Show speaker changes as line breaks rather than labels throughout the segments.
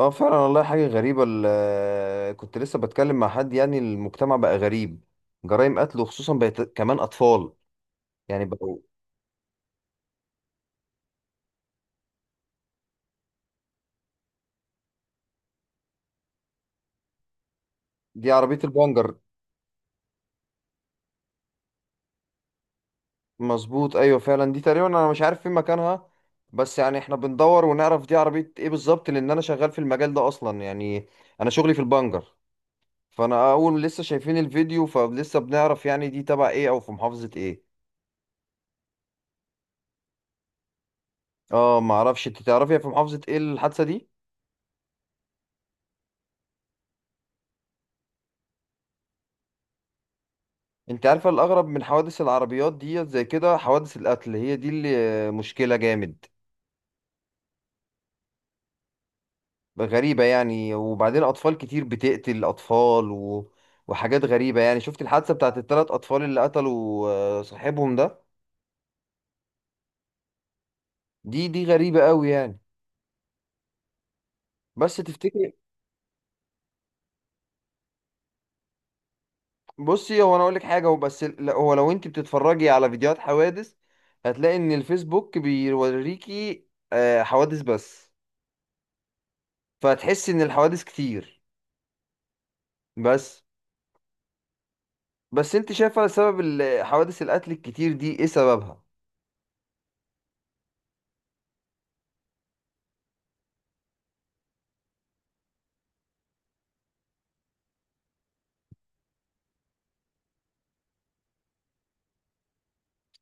اه، فعلا والله حاجة غريبة. كنت لسه بتكلم مع حد. يعني المجتمع بقى غريب، جرائم قتل، وخصوصا بقت كمان أطفال. يعني بقوا. دي عربية البنجر. مظبوط، أيوة فعلا. دي تقريبا أنا مش عارف فين مكانها، بس يعني احنا بندور ونعرف دي عربية ايه بالظبط، لأن أنا شغال في المجال ده أصلا يعني. أنا شغلي في البنجر. فأنا أول لسه شايفين الفيديو، فلسه بنعرف يعني دي تبع ايه أو في محافظة ايه. اه معرفش، انت تعرفي في محافظة ايه الحادثة دي؟ انت عارفه الاغرب من حوادث العربيات دي؟ زي كده حوادث القتل، هي دي اللي مشكله جامد. غريبه يعني، وبعدين اطفال كتير بتقتل اطفال و... وحاجات غريبه يعني. شفت الحادثه بتاعت الثلاث اطفال اللي قتلوا صاحبهم ده؟ دي غريبه قوي يعني. بس تفتكري؟ بصي، هو انا اقول لك حاجه، هو بس لا، هو لو انت بتتفرجي على فيديوهات حوادث هتلاقي ان الفيسبوك بيوريكي حوادث بس. فهتحسي ان الحوادث كتير. بس. بس انت شايفه سبب حوادث القتل الكتير دي ايه سببها؟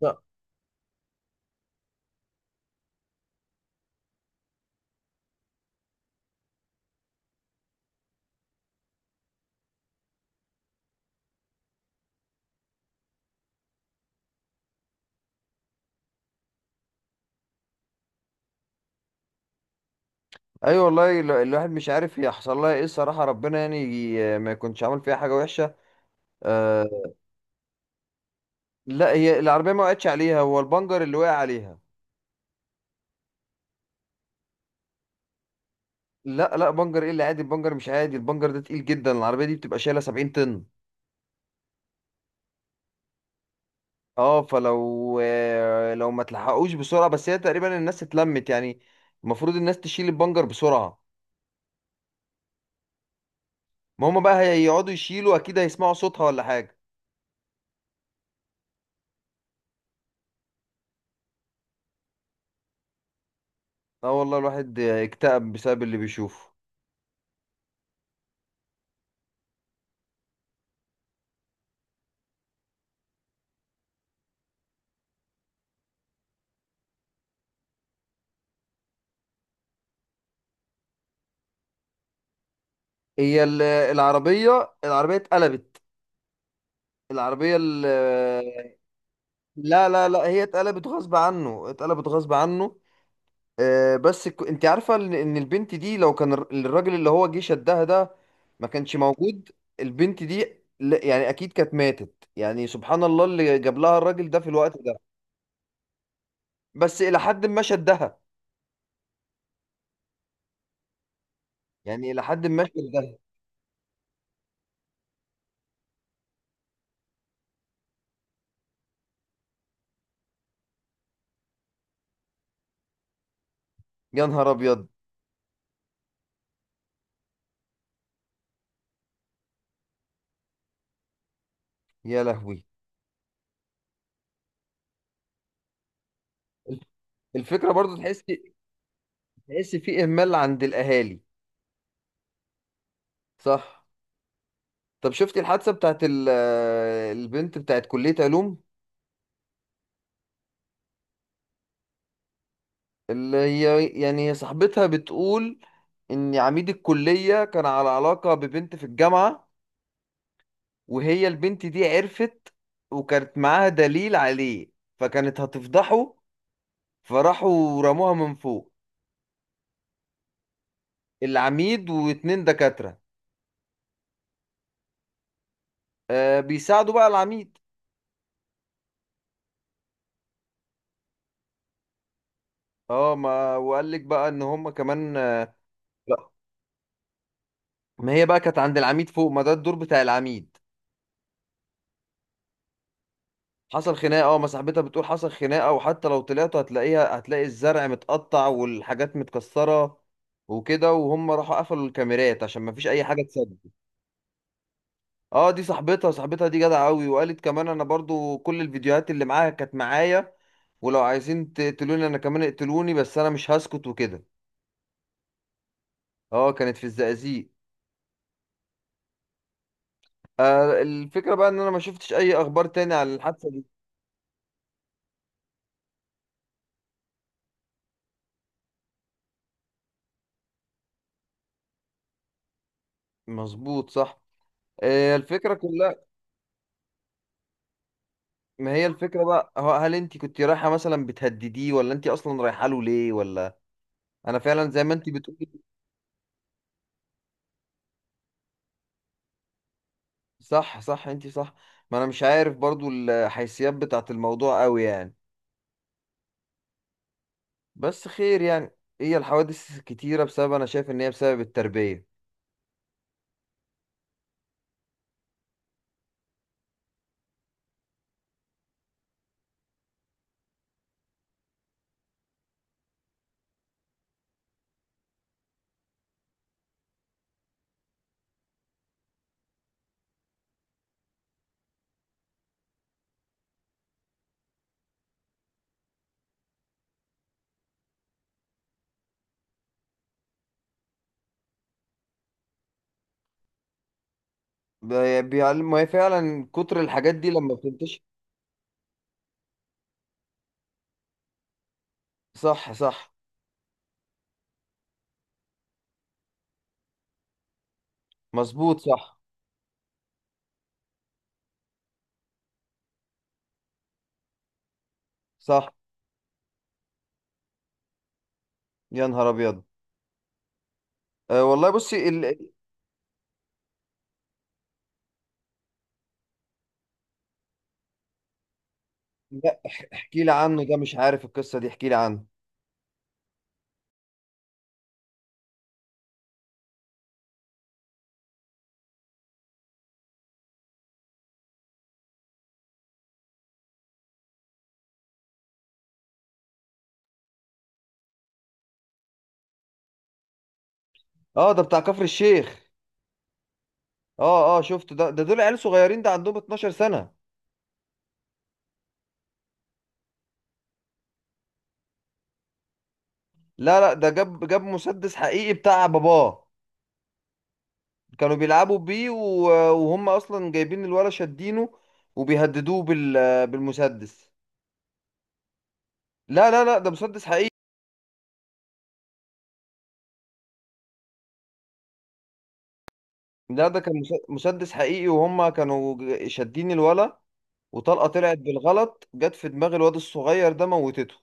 لا. ايوه والله الواحد مش عارف هي حصل لها ايه الصراحه. ربنا يعني ما يكونش عامل فيها حاجه وحشه. آه. لا، هي العربيه ما وقعتش عليها، هو البنجر اللي وقع عليها. لا لا، بنجر ايه اللي عادي؟ البنجر مش عادي. البنجر ده تقيل جدا، العربيه دي بتبقى شايله 70 طن. اه، فلو لو ما تلحقوش بسرعه... بس هي تقريبا الناس اتلمت يعني. المفروض الناس تشيل البنجر بسرعه. ما هم بقى هيقعدوا يشيلوا، اكيد هيسمعوا صوتها ولا حاجه. اه، والله الواحد اكتئب بسبب اللي بيشوفه. هي العربية اتقلبت. العربية ال- لا لا لا، هي اتقلبت غصب عنه، اتقلبت غصب عنه. بس انت عارفة ان إن البنت دي لو كان الراجل اللي هو جه شدها ده ما كانش موجود، البنت دي... لا، يعني اكيد كانت ماتت يعني. سبحان الله اللي جاب لها الراجل ده في الوقت ده. بس الى حد ما شدها. يعني الى حد ما شدها. يا نهار ابيض. يا لهوي. الفكرة برضو تحس. تحس في اهمال عند الاهالي. صح. طب شفتي الحادثه بتاعت البنت بتاعت كليه علوم؟ اللي هي يعني هي صاحبتها بتقول ان عميد الكليه كان على علاقه ببنت في الجامعه، وهي البنت دي عرفت، وكانت معاها دليل عليه، فكانت هتفضحه، فراحوا رموها من فوق. العميد واتنين دكاتره. بيساعدوا بقى العميد. اه، ما وقال لك بقى ان هم كمان. ما هي بقى كانت عند العميد فوق، ما ده الدور بتاع العميد. حصل خناقه. اه، ما صاحبتها بتقول حصل خناقه، وحتى لو طلعتوا هتلاقيها، هتلاقي الزرع متقطع والحاجات متكسره وكده. وهم راحوا قفلوا الكاميرات عشان ما فيش اي حاجه تصدق. اه، دي صاحبتها دي جدعه قوي، وقالت كمان انا برضو كل الفيديوهات اللي معاها كانت معايا، ولو عايزين تقتلوني انا كمان اقتلوني، بس انا مش هسكت وكده. اه، كانت في الزقازيق. الفكره بقى ان انا ما شفتش اي اخبار تاني عن الحادثه دي. مظبوط، صح. الفكرة كلها. ما هي الفكرة بقى، هو هل انت كنت رايحة مثلا بتهدديه، ولا انت اصلا رايحة له ليه، ولا... انا فعلا زي ما انت بتقولي. صح صح، انت صح. ما انا مش عارف برضو الحيثيات بتاعت الموضوع قوي يعني. بس خير يعني. هي الحوادث كتيرة بسبب... انا شايف ان هي بسبب التربية. بيعلم. ما هي فعلا كتر الحاجات دي لما بتنتشر. صح صح. مظبوط، صح. صح. يا نهار ابيض. أه والله، بصي لا. احكي لي عنه، ده مش عارف القصة دي، احكي لي عنه. اه، ده بتاع كفر الشيخ. اه اه، شفت ده دول عيال صغيرين، ده عندهم 12 سنة. لا لا، ده جاب مسدس حقيقي بتاع باباه. كانوا بيلعبوا بيه وهم اصلا جايبين الولا شادينه، وبيهددوه بالمسدس. لا لا لا، ده مسدس حقيقي. لا، ده كان مسدس حقيقي، وهم كانوا شادين الولا، وطلقة طلعت بالغلط، جت في دماغ الواد الصغير ده، موتته.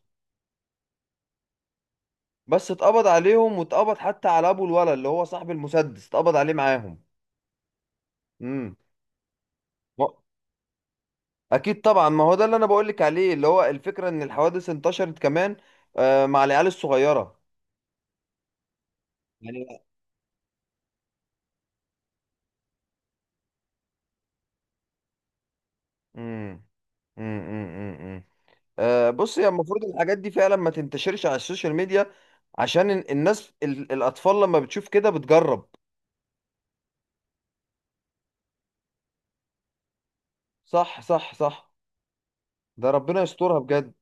بس اتقبض عليهم، واتقبض حتى على ابو الولا اللي هو صاحب المسدس، اتقبض عليه معاهم. امم. اكيد طبعا، ما هو ده اللي انا بقولك عليه، اللي هو الفكره ان الحوادث انتشرت كمان مع العيال الصغيره يعني. امم، امم، امم، امم. بص، هي المفروض الحاجات دي فعلا ما تنتشرش على السوشيال ميديا، عشان الناس الاطفال لما بتشوف كده بتجرب. صح صح صح. ده ربنا يسترها بجد.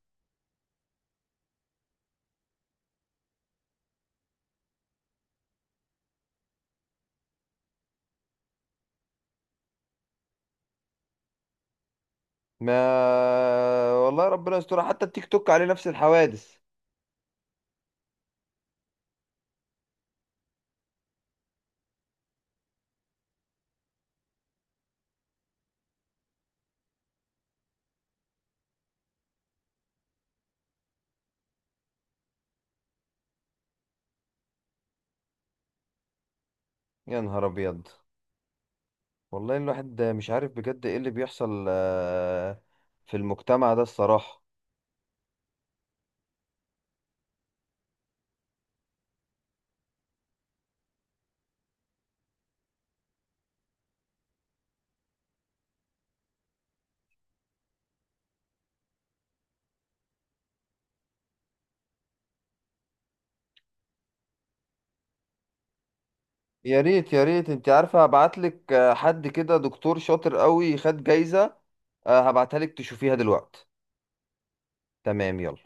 ما والله ربنا يسترها، حتى التيك توك عليه نفس الحوادث. يا نهار ابيض. والله الواحد مش عارف بجد ايه اللي بيحصل في المجتمع ده الصراحه. يا ريت يا ريت. انت عارفه هبعتلك حد كده دكتور شاطر قوي خد جايزه. هبعتها لك تشوفيها دلوقتي. تمام، يلا.